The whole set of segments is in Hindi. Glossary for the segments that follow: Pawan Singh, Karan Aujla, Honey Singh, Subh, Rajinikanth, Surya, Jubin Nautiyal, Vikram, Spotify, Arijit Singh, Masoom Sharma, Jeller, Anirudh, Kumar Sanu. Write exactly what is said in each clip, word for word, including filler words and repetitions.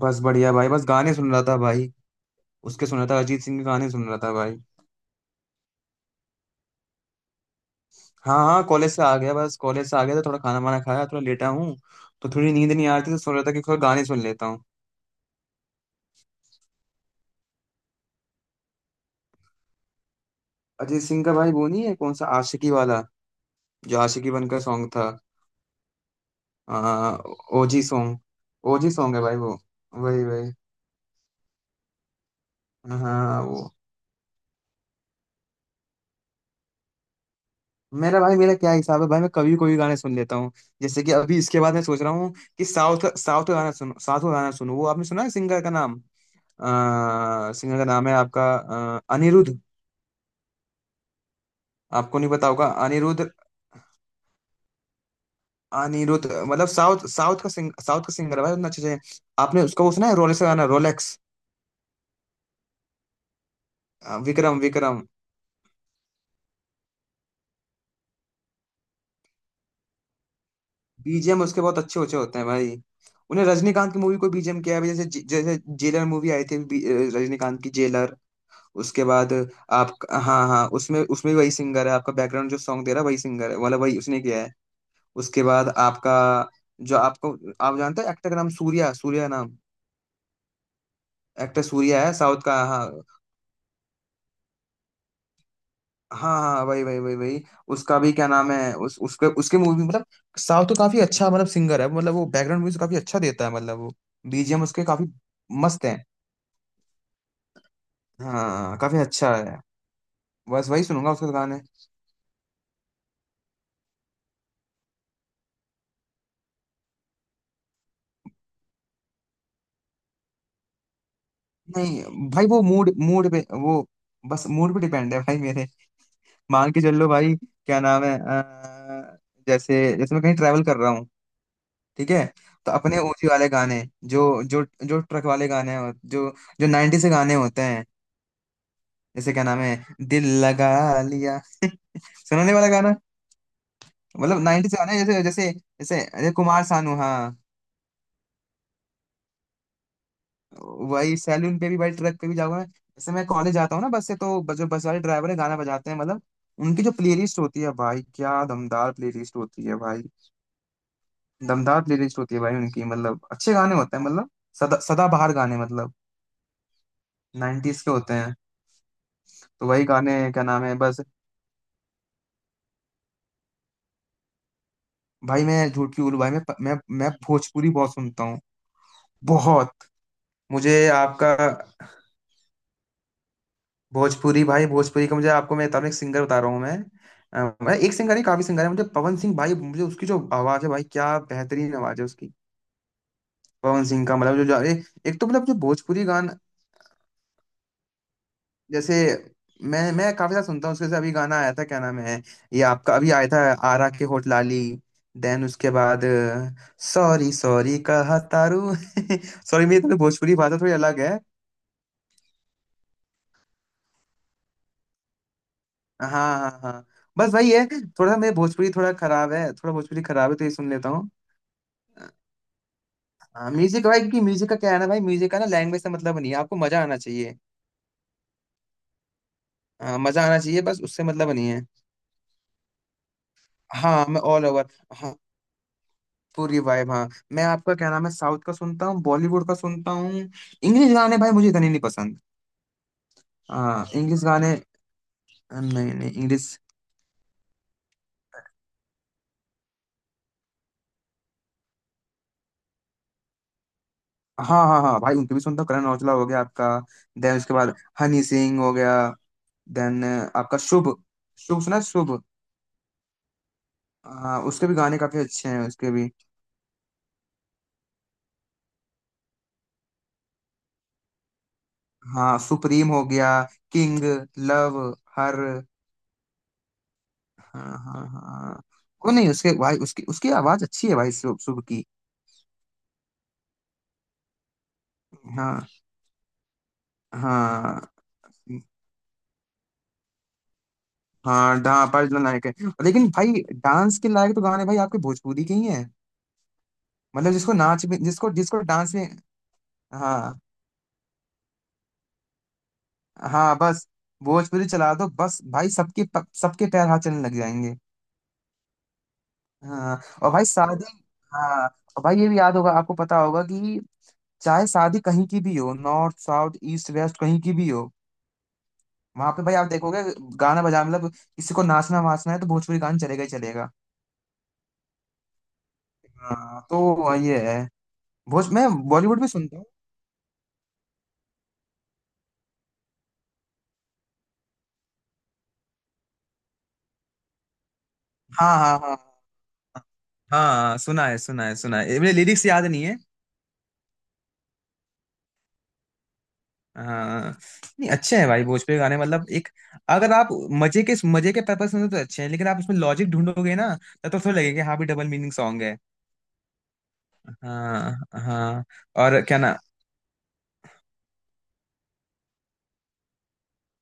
बस बढ़िया भाई। बस गाने सुन रहा था भाई, उसके सुन रहा था, अरिजीत सिंह के गाने सुन रहा था भाई। हाँ हाँ, कॉलेज से आ गया, बस कॉलेज से आ गया तो थोड़ा खाना वाना खाया, थोड़ा लेटा हूँ। तो थोड़ी नींद नहीं आ रही थी तो सोच रहा था कि थोड़ा गाने सुन लेता हूँ। अरिजीत सिंह का भाई, वो नहीं है, कौन सा आशिकी वाला, जो आशिकी बन का सॉन्ग था। आ, ओजी सॉन्ग, ओजी सॉन्ग है भाई वो, वही वही। हाँ वो मेरा भाई, मेरा क्या हिसाब है भाई, मैं कभी कोई भी गाने सुन लेता हूँ। जैसे कि अभी इसके बाद मैं सोच रहा हूँ कि साउथ का, साउथ का गाना सुनो, साउथ का गाना सुनो। वो आपने सुना है, सिंगर का नाम? सिंगर का नाम है आपका अ, अनिरुद्ध। आपको नहीं पता होगा अनिरुद्ध। अनिरुद्ध मतलब साउथ, साउथ का सिंग साउथ का सिंगर है भाई, उतना अच्छे से। आपने उसका वो सुना है, रोलेक्स का गाना, रोलेक्स? अ, विक्रम विक्रम। बीजीएम उसके बहुत अच्छे अच्छे होते हैं भाई। उन्हें रजनीकांत की मूवी को बीजीएम किया है, जैसे, जैसे जेलर मूवी आई थी, बी- अ, रजनीकांत की जेलर। उसके बाद आप हाँ हाँ, उसमें उसमें भी वही सिंगर है आपका, बैकग्राउंड जो सॉन्ग दे रहा है वही सिंगर है, मतलब वही उसने किया है। उसके बाद आपका, जो आपको, आप जानते हैं एक्टर का नाम सूर्या, सूर्या नाम। एक्टर सूर्या है साउथ का। हाँ हाँ हाँ, वही वही वही वही। उसका भी क्या नाम है, उस उसके उसके मूवी मतलब। साउथ तो काफी अच्छा मतलब सिंगर है, मतलब वो बैकग्राउंड म्यूजिक काफी अच्छा देता है, मतलब वो बीजीएम उसके काफी मस्त है। हाँ, काफी अच्छा है, बस वही सुनूंगा उसके गाने। नहीं भाई, वो मूड मूड पे, वो बस मूड पे डिपेंड है भाई मेरे। मान के चल लो भाई, क्या नाम है, अ, जैसे जैसे मैं कहीं ट्रैवल कर रहा हूँ, ठीक है, तो अपने ओजी वाले गाने, जो जो जो ट्रक वाले गाने हो, जो जो नब्बे से गाने होते हैं, जैसे क्या नाम है, दिल लगा लिया सुनाने वाला गाना। मतलब नब्बे से गाने जैसे, जैसे जैसे अरे कुमार सानू, हाँ। वही सैलून पे भी भाई, ट्रक पे भी, जाऊंगा जैसे मैं कॉलेज जाता हूँ ना बस से, तो बस- जो बस वाले ड्राइवर है गाना बजाते हैं, मतलब उनकी जो प्लेलिस्ट होती है भाई, क्या दमदार प्लेलिस्ट होती है भाई। दमदार प्लेलिस्ट होती है भाई उनकी, मतलब अच्छे गाने होते हैं, मतलब सदा सदाबहार गाने, मतलब नाइन्टीज के होते हैं। तो वही गाने क्या नाम है, बस। भाई मैं झूठ क्यों बोलूं भाई, मैं मैं मैं भोजपुरी बहुत सुनता हूँ, बहुत। मुझे आपका भोजपुरी भाई, भोजपुरी का मुझे आपको, मैं तब एक सिंगर बता रहा हूँ मैं, अ, मैं एक सिंगर है, काफी सिंगर है मुझे, पवन सिंह भाई, मुझे उसकी जो आवाज है भाई, क्या बेहतरीन आवाज है उसकी। पवन सिंह का मतलब जो जो, अरे एक तो मतलब जो भोजपुरी गाना, जैसे मैं मैं काफी सारा सुनता हूँ उसके, जैसे अभी गाना आया था, क्या नाम है ये आपका अभी आया था, आरा के होठ लाली। देन उसके बाद सॉरी सॉरी कहा तारू सॉरी, मेरी थोड़ी भोजपुरी भाषा थोड़ी अलग है। हाँ हाँ हाँ, बस वही है, थोड़ा मेरे भोजपुरी थोड़ा खराब है, थोड़ा भोजपुरी खराब है तो ये सुन लेता हूँ। हाँ, म्यूजिक भाई की, म्यूजिक का क्या है ना भाई, म्यूजिक का ना लैंग्वेज से मतलब नहीं है, आपको मजा आना चाहिए। हाँ, मजा आना चाहिए, बस उससे मतलब नहीं है। हाँ मैं ऑल ओवर पूरी वाइब, हाँ मैं आपका क्या नाम है, साउथ का सुनता हूँ, बॉलीवुड का सुनता हूँ, इंग्लिश गाने भाई मुझे इतने नहीं पसंद। हाँ, इंग्लिश गाने, नहीं नहीं इंग्लिश। हाँ हाँ हाँ भाई, उनके भी सुनता हूँ, करण औजला हो गया आपका, देन उसके बाद हनी सिंह हो गया, देन आपका शुभ। शुभ सुना है? शुभ। हाँ उसके भी गाने काफी अच्छे हैं उसके भी। हाँ सुप्रीम हो गया, किंग, लव, हर। हाँ हाँ हाँ। वो नहीं उसके भाई, उसकी उसकी आवाज अच्छी है भाई, शुभ, शुभ की। हाँ। हाँ हाँ, डा अर्जुन लायक है। लेकिन भाई डांस के लायक तो गाने भाई आपके भोजपुरी के ही हैं, मतलब जिसको नाच में, जिसको जिसको डांस में। हाँ हाँ, बस भोजपुरी चला दो, बस भाई सबके प- सबके पैर हाथ चलने लग जाएंगे। हाँ और भाई शादी, हाँ और भाई ये भी याद होगा आपको, पता होगा कि चाहे शादी कहीं की भी हो, नॉर्थ साउथ ईस्ट वेस्ट कहीं की भी हो, वहां पे भाई आप देखोगे गाना बजा, मतलब किसी को नाचना वाचना है तो भोजपुरी गाना चलेगा ही चलेगा। हाँ तो ये है, भोज मैं बॉलीवुड भी सुनता हूँ। हाँ हाँ हाँ हाँ। हाँ सुना है सुना है सुना है, मेरे लिरिक्स याद नहीं है। हाँ, नहीं अच्छे हैं भाई भोजपुरी गाने मतलब, एक अगर आप मजे के, मजे के पर्पस से तो अच्छे हैं, लेकिन आप उसमें लॉजिक ढूंढोगे ना, तब तो थोड़ा लगेगा कि हाँ भी डबल मीनिंग सॉन्ग है। हाँ। हाँ और क्या ना,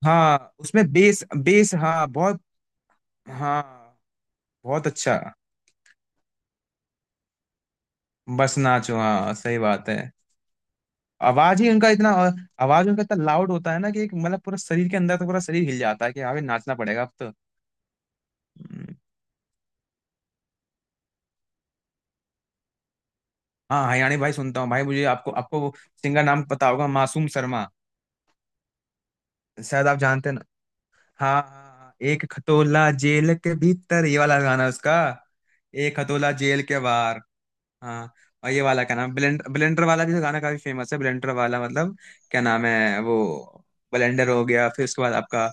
हाँ उसमें बेस बेस हाँ बहुत। हाँ। बहुत अच्छा, बस नाचो, हाँ सही बात है। आवाज ही उनका इतना, आवाज उनका इतना लाउड होता है ना कि एक मतलब पूरा शरीर के अंदर, तो पूरा शरीर हिल जाता है कि हाँ भी नाचना पड़ेगा अब। तो हाँ हरियाणी भाई सुनता हूँ भाई, मुझे आपको आपको वो सिंगर नाम पता होगा, मासूम शर्मा। शायद आप जानते हैं ना। हाँ हाँ, हाँ, एक खटोला जेल के भीतर, ये वाला गाना उसका, एक खटोला जेल के बाहर। हाँ। और ये वाला क्या नाम, ब्लेंडर, ब्लेंडर वाला भी तो गाना काफी फेमस है, ब्लेंडर वाला मतलब। क्या नाम है वो, ब्लेंडर हो गया, फिर उसके बाद आपका,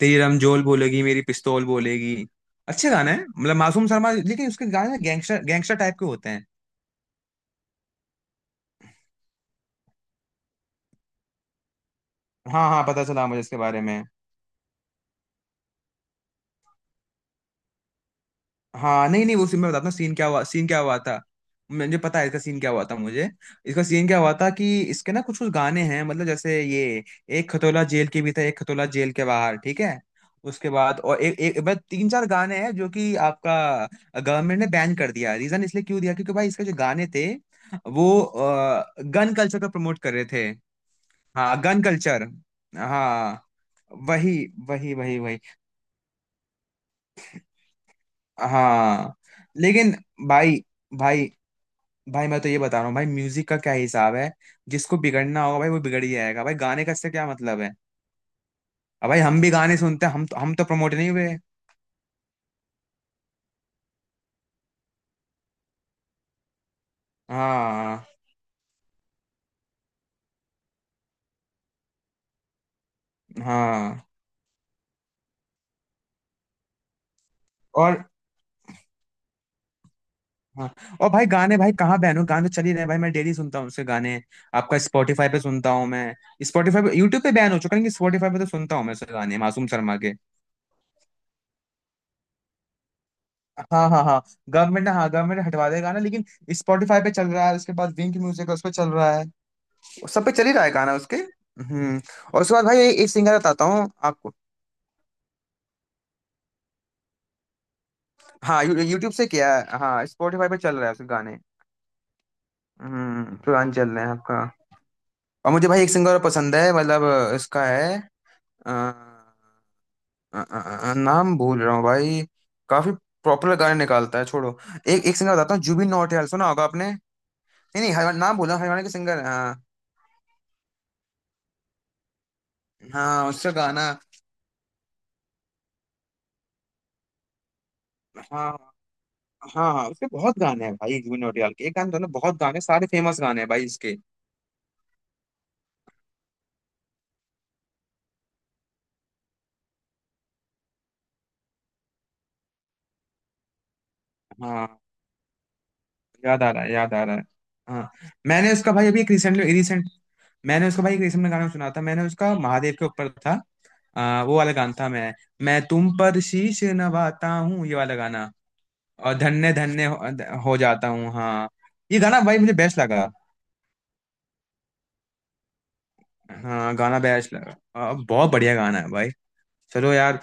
तेरी रमजोल बोलेगी मेरी पिस्तौल बोलेगी। अच्छे गाने हैं मतलब मासूम शर्मा, लेकिन उसके गाने गैंगस्टर गैंगस्टर टाइप के होते हैं। हाँ हाँ, पता चला मुझे इसके बारे में। हाँ नहीं नहीं, वो सीन मैं बताता हूँ, सीन क्या हुआ, सीन क्या हुआ था। मुझे पता है इसका सीन क्या हुआ था मुझे, इसका सीन क्या हुआ था कि इसके ना कुछ कुछ गाने हैं, मतलब जैसे ये एक खतोला जेल के भी था, एक खतोला जेल के बाहर ठीक है, उसके बाद और एक एक बस तीन चार गाने हैं जो कि आपका गवर्नमेंट ने बैन कर दिया। रीजन इसलिए क्यों दिया, क्योंकि भाई इसके जो गाने थे वो गन कल्चर को प्रमोट कर रहे थे। हाँ, गन कल्चर, हाँ, वही वही वही वही। हाँ लेकिन भाई, भाई भाई मैं तो ये बता रहा हूँ भाई, म्यूजिक का क्या हिसाब है, जिसको बिगड़ना होगा भाई वो बिगड़ ही जाएगा भाई, गाने का इससे क्या मतलब है। अब भाई हम भी गाने सुनते हैं, हम तो हम तो प्रमोट नहीं हुए। हाँ हाँ। और हाँ और भाई गाने, भाई कहाँ बहनों, गाने तो चल ही रहे हैं भाई, मैं डेली सुनता हूँ उसके गाने, आपका स्पॉटिफाई पे सुनता हूँ मैं। स्पॉटिफाई पे, यूट्यूब पे बैन हो चुका है, लेकिन स्पॉटिफाई पे तो सुनता हूँ मैं उसके गाने मासूम शर्मा के। हाँ हाँ हाँ, गवर्नमेंट ने हाँ, गवर्नमेंट हटवा देगा ना, लेकिन स्पॉटिफाई पे चल रहा है, उसके बाद विंक म्यूजिक उस पे चल रहा है, वो सब पे चल ही रहा है गाना उसके। हम्म। और उसके बाद भाई एक सिंगर बताता हूँ आपको। हाँ यू, यूट्यूब से किया है, हाँ स्पॉटिफाई पे चल रहा है उसके गाने। हम्म, पुराने चल रहे हैं आपका। और मुझे भाई एक सिंगर पसंद है मतलब, इसका है, अ, अ, अ, अ, नाम भूल रहा हूँ भाई। काफी प्रॉपर गाने निकालता है, छोड़ो, एक एक सिंगर बताता हूँ, जुबिन नौटियाल सुना होगा आपने? नहीं नहीं हरियाणा, नाम बोला हरियाणा के सिंगर हाँ। हाँ उसका गाना, हाँ हाँ हाँ, उसके बहुत गाने हैं भाई जुबिन नौटियाल के, एक गाने तो ना, बहुत गाने, सारे फेमस गाने हैं भाई इसके। हाँ, याद आ रहा है, याद आ रहा है। हाँ। मैंने उसका भाई अभी एक रिसेंटली रिसेंट, मैंने उसका भाई एक रिसेंट में गाना सुना था, मैंने उसका महादेव के ऊपर था, आ, वो वाला गाना था, मैं मैं तुम पर शीश नवाता हूँ, ये वाला गाना। और धन्य धन्य हो, हो जाता हूँ, हाँ। ये गाना भाई मुझे बेस्ट लगा। हाँ गाना बेस्ट लगा, आ, बहुत बढ़िया गाना है भाई। चलो यार,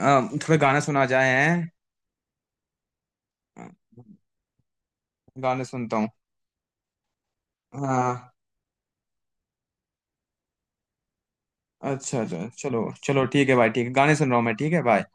आ, थोड़ा गाना सुना जाए हैं। आ, गाने सुनता हूँ। हाँ अच्छा अच्छा, चलो चलो, ठीक है भाई, ठीक है गाने सुन रहा हूँ मैं, ठीक है, बाय।